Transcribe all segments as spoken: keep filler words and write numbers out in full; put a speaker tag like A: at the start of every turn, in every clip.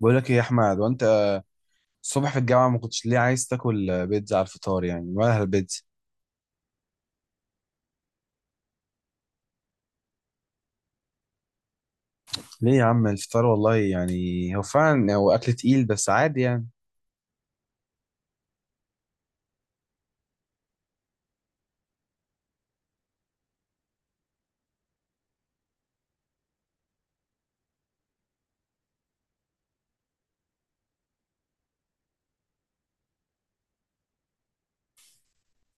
A: بقول لك ايه يا احمد؟ وانت الصبح في الجامعه ما كنتش ليه عايز تاكل بيتزا على الفطار يعني؟ ولا البيتزا ليه يا عم؟ الفطار والله، يعني هو فعلا هو اكل تقيل بس عادي يعني.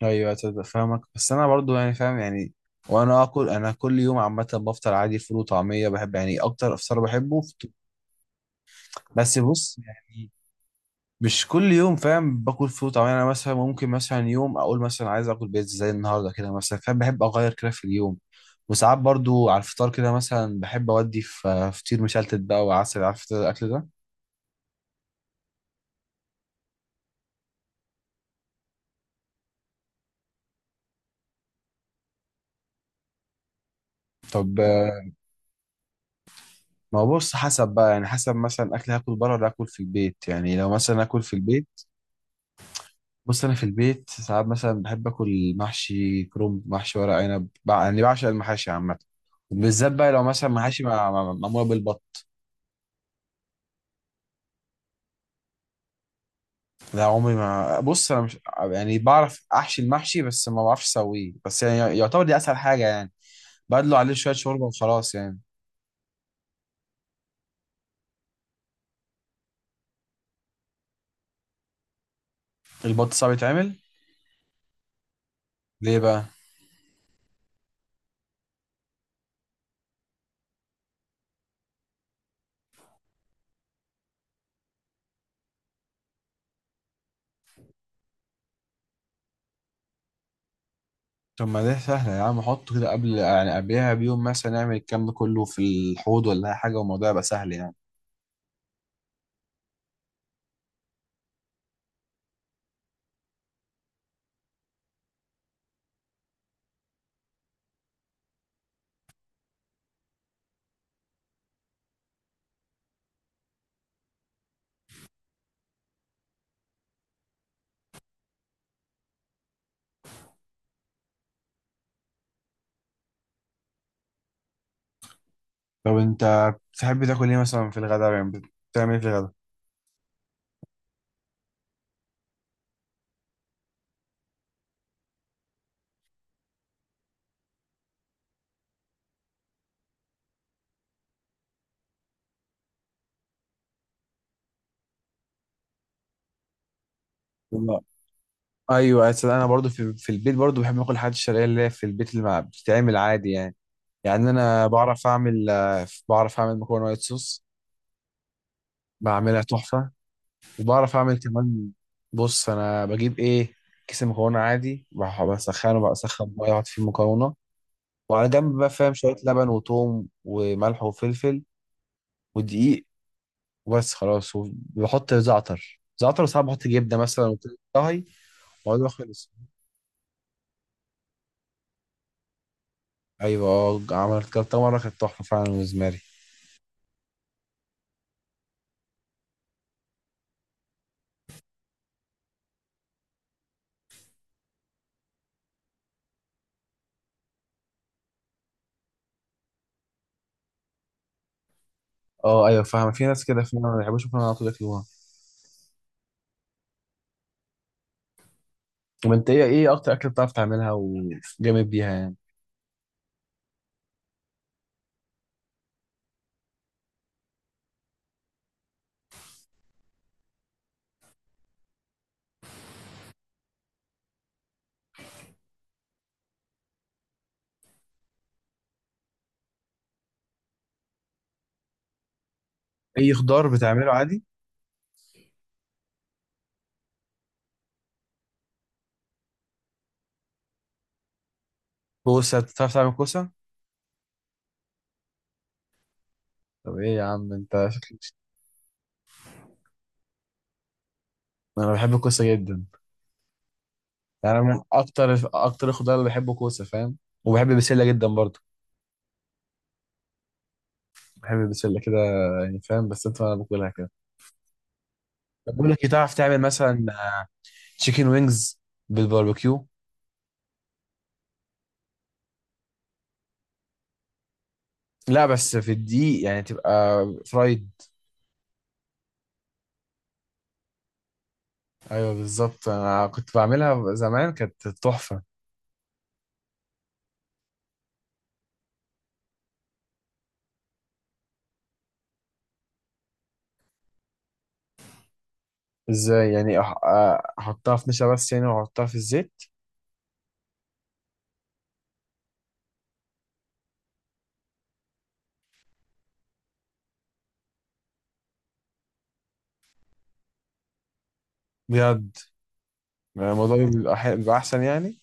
A: ايوه، تصدق فاهمك، بس انا برضو يعني فاهم يعني. وانا اكل، انا كل يوم عامه بفطر عادي فول وطعميه، بحب يعني اكتر افطار بحبه. بس بص يعني، مش كل يوم فاهم باكل فول. طبعا انا مثلا ممكن مثلا يوم اقول مثلا عايز اكل بيتزا زي النهارده كده مثلا، فاهم، بحب اغير كده في اليوم. وساعات برضو على الفطار كده مثلا بحب اودي في فطير مشلتت بقى وعسل، عارف إنت الاكل ده. طب آه، ما هو بص، حسب بقى يعني، حسب مثلا اكل هاكل بره ولا اكل في البيت يعني. لو مثلا اكل في البيت، بص انا في البيت ساعات مثلا بحب اكل محشي كرنب، محشي ورق عنب، بع- يعني بعشق المحاشي عامه. بالذات بقى لو مثلا محاشي مع- مع- معموله بالبط. لا، عمري ما، بص انا مش، يعني بعرف احشي المحشي بس ما بعرفش اسويه. بس يعني يعتبر دي اسهل حاجه يعني، بدلو عليه شويه شوربه وخلاص يعني. البط صعب يتعمل؟ ليه بقى؟ طب ما ده سهله يا عم، حطه كده قبل يعني قبلها بيوم مثلا، نعمل الكلام ده كله في الحوض ولا اي حاجه، والموضوع يبقى سهل يعني. طب انت بتحب تاكل ايه مثلا في الغداء يعني؟ بتعمل ايه في الغداء؟ والله ايوه، أصل انا برضو في, في البيت برضو بحب اكل الحاجات الشرقيه اللي هي في البيت اللي ما بتتعمل عادي يعني. يعني انا بعرف اعمل، آه، بعرف اعمل مكرونه وايت صوص، بعملها تحفة. وبعرف أعمل كمان، بص أنا بجيب إيه، كيس مكرونة عادي، بح- بسخنه بقى، أسخن مية أحط فيه المكرونة، وعلى جنب بقى فاهم شوية لبن وثوم وملح وفلفل ودقيق وبس خلاص، وبحط زعتر زعتر، وساعات بحط جبنة مثلا، وطهي وأقعد أخلص. أيوة، أه، عملت كده مرة كانت تحفة فعلا بالنسبة لي. أه أيوة، فاهمة، في ناس كده فعلا ما بيحبوش يكونوا على طول ياكلوها. طب أنت إيه إيه أكتر أكلة بتعرف تعملها وجامد بيها يعني؟ أي خضار بتعمله عادي؟ كوسة؟ بتعرف تعمل كوسة؟ طب ايه يا عم؟ انت شكلك. انا بحب الكوسة جدا. يعني أنا من اكتر اكتر الخضار اللي بحبه كوسة فاهم. وبحب البسلة جدا برضه، بحب البسلة كده يعني فاهم. بس انت، انا باكلها كده. طب بقول لك إيه، تعرف تعمل مثلا تشيكن وينجز بالباربيكيو؟ لا بس في الدقيق يعني، تبقى فرايد. ايوه بالظبط، انا كنت بعملها زمان، كانت تحفة. ازاي يعني؟ أح- آه، احطها في نشا بس يعني واحطها في الزيت؟ بجد يعني الموضوع بيبقى حلو- بيبقى احسن يعني؟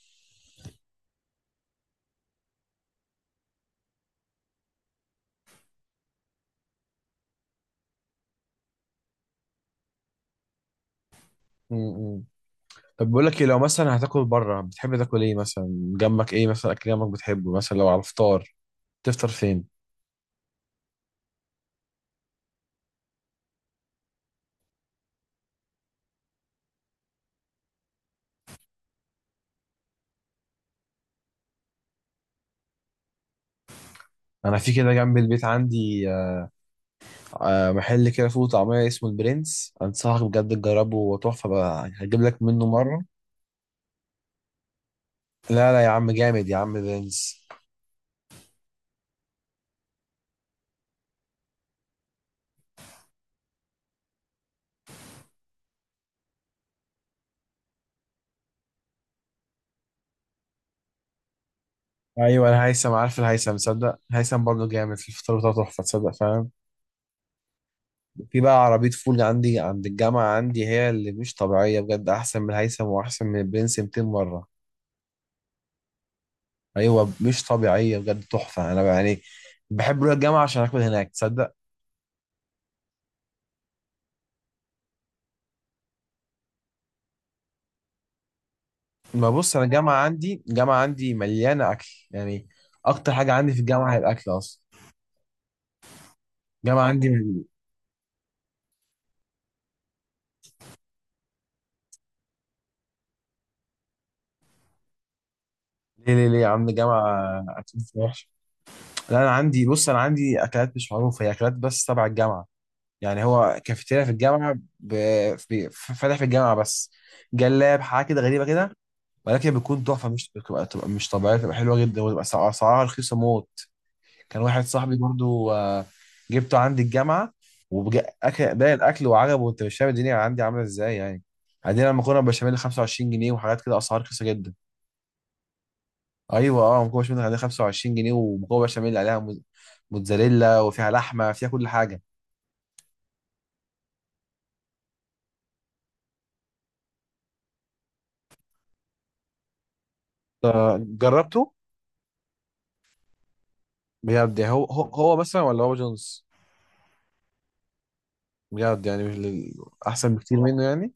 A: م- م. طب بقول لك ايه، لو مثلا هتاكل بره بتحب تاكل ايه مثلا؟ جنبك ايه مثلا اكل جنبك بتحبه مثلا؟ لو على الفطار تفطر فين؟ انا في كده جنب البيت عندي، آه، آه، محل كده فول وطعميه اسمه البرنس، انصحك بجد تجربه، هو تحفه بقى، هجيب لك منه مره. لا لا يا عم، جامد يا عم البرنس. ايوه، انا هيثم عارف. الهيثم، صدق، هيثم برضه جامد في الفطار بتاعه، تحفه تصدق فاهم. في بقى عربيه فول عندي عند الجامعه عندي، هي اللي مش طبيعيه بجد، احسن من الهيثم واحسن من البرنس مئتين مره. ايوه، مش طبيعيه بجد، تحفه. انا يعني بحب اروح الجامعه عشان اكل هناك، تصدق. ما بص، انا الجامعه عندي، الجامعه عندي مليانه اكل يعني. اكتر حاجه عندي في الجامعه هي الاكل اصلا. الجامعه عندي مل- ليه ليه ليه يا عم؟ الجامعه اكل وحش؟ لا انا عندي، بص انا عندي اكلات مش معروفه، هي اكلات بس تبع الجامعه. يعني هو كافيتيريا في الجامعه ب... في... فاتح في الجامعه بس، جلاب حاجه كده غريبه كده، ولكن بتكون تحفه. مش بتبقى، بتبقى مش طبيعيه، بتبقى حلوه جدا، وتبقى سع- اسعارها رخيصه موت. كان واحد صاحبي برضو، آه، جبته عندي الجامعة، وأكل باقي الأكل وعجبه، وأنت مش فاهم الدنيا عندي عاملة إزاي يعني. عندنا مكرونة بشاميل خمسة وعشرين جنيه وحاجات كده أسعار رخيصة جدا. أيوة أه، مكرونة بشاميل عندنا خمسة وعشرين جنيه، ومكرونة بشاميل عليها موز- موتزاريلا وفيها لحمة، فيها كل حاجة. آه، جربته. بجد يعني هو هو هو مثلا، ولا هو جونز؟ بجد يعني مش لل- أحسن بكتير منه يعني.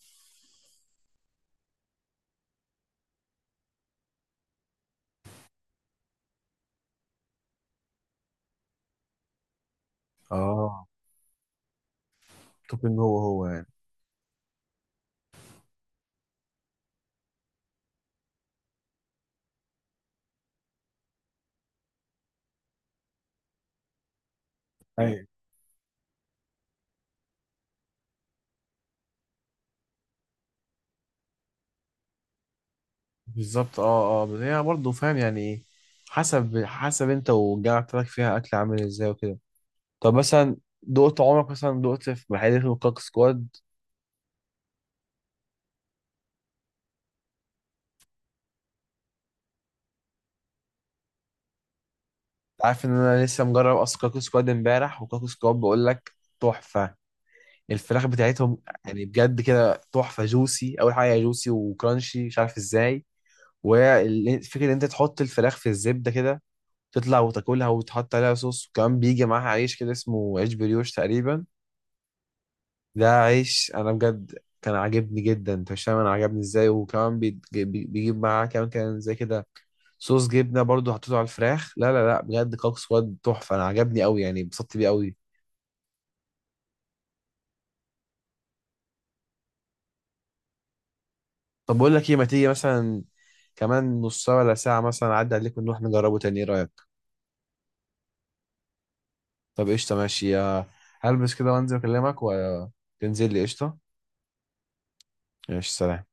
A: أه، توبينج هو هو يعني. بالظبط، اه اه، بس هي برضه فاهم يعني ايه، حسب حسب انت والجامعة بتاعتك فيها اكل عامل ازاي وكده. طب مثلا دقت عمرك مثلا دقت في محل اسمه كاك سكواد؟ عارف ان انا لسه مجرب اصلا كاك سكواد امبارح، وكاك سكواد بقول لك تحفة الفراخ بتاعتهم. يعني بجد كده تحفة، جوسي، اول حاجة جوسي وكرانشي مش عارف ازاي. وفكرة ان انت تحط الفراخ في الزبدة كده، تطلع وتاكلها وتحط عليها صوص، وكمان بيجي معاها عيش كده اسمه عيش بريوش تقريبا. ده عيش انا بجد كان عاجبني جدا، انت مش فاهم انا عجبني ازاي. وكمان بيت- بي- بيجيب معاه كمان كان زي كده صوص جبنه برضو، حطيته على الفراخ. لا لا لا بجد، كوك سواد تحفه، انا عجبني قوي يعني، اتبسطت بيه قوي. طب بقول لك ايه، ما تيجي مثلا كمان نص ساعه ولا ساعه مثلا، اعدي عليك ونروح نجربه تاني، ايه رايك؟ طب قشطه، ماشي، آه، هلبس كده وانزل اكلمك وتنزل لي. قشطه، ماشي، سلام.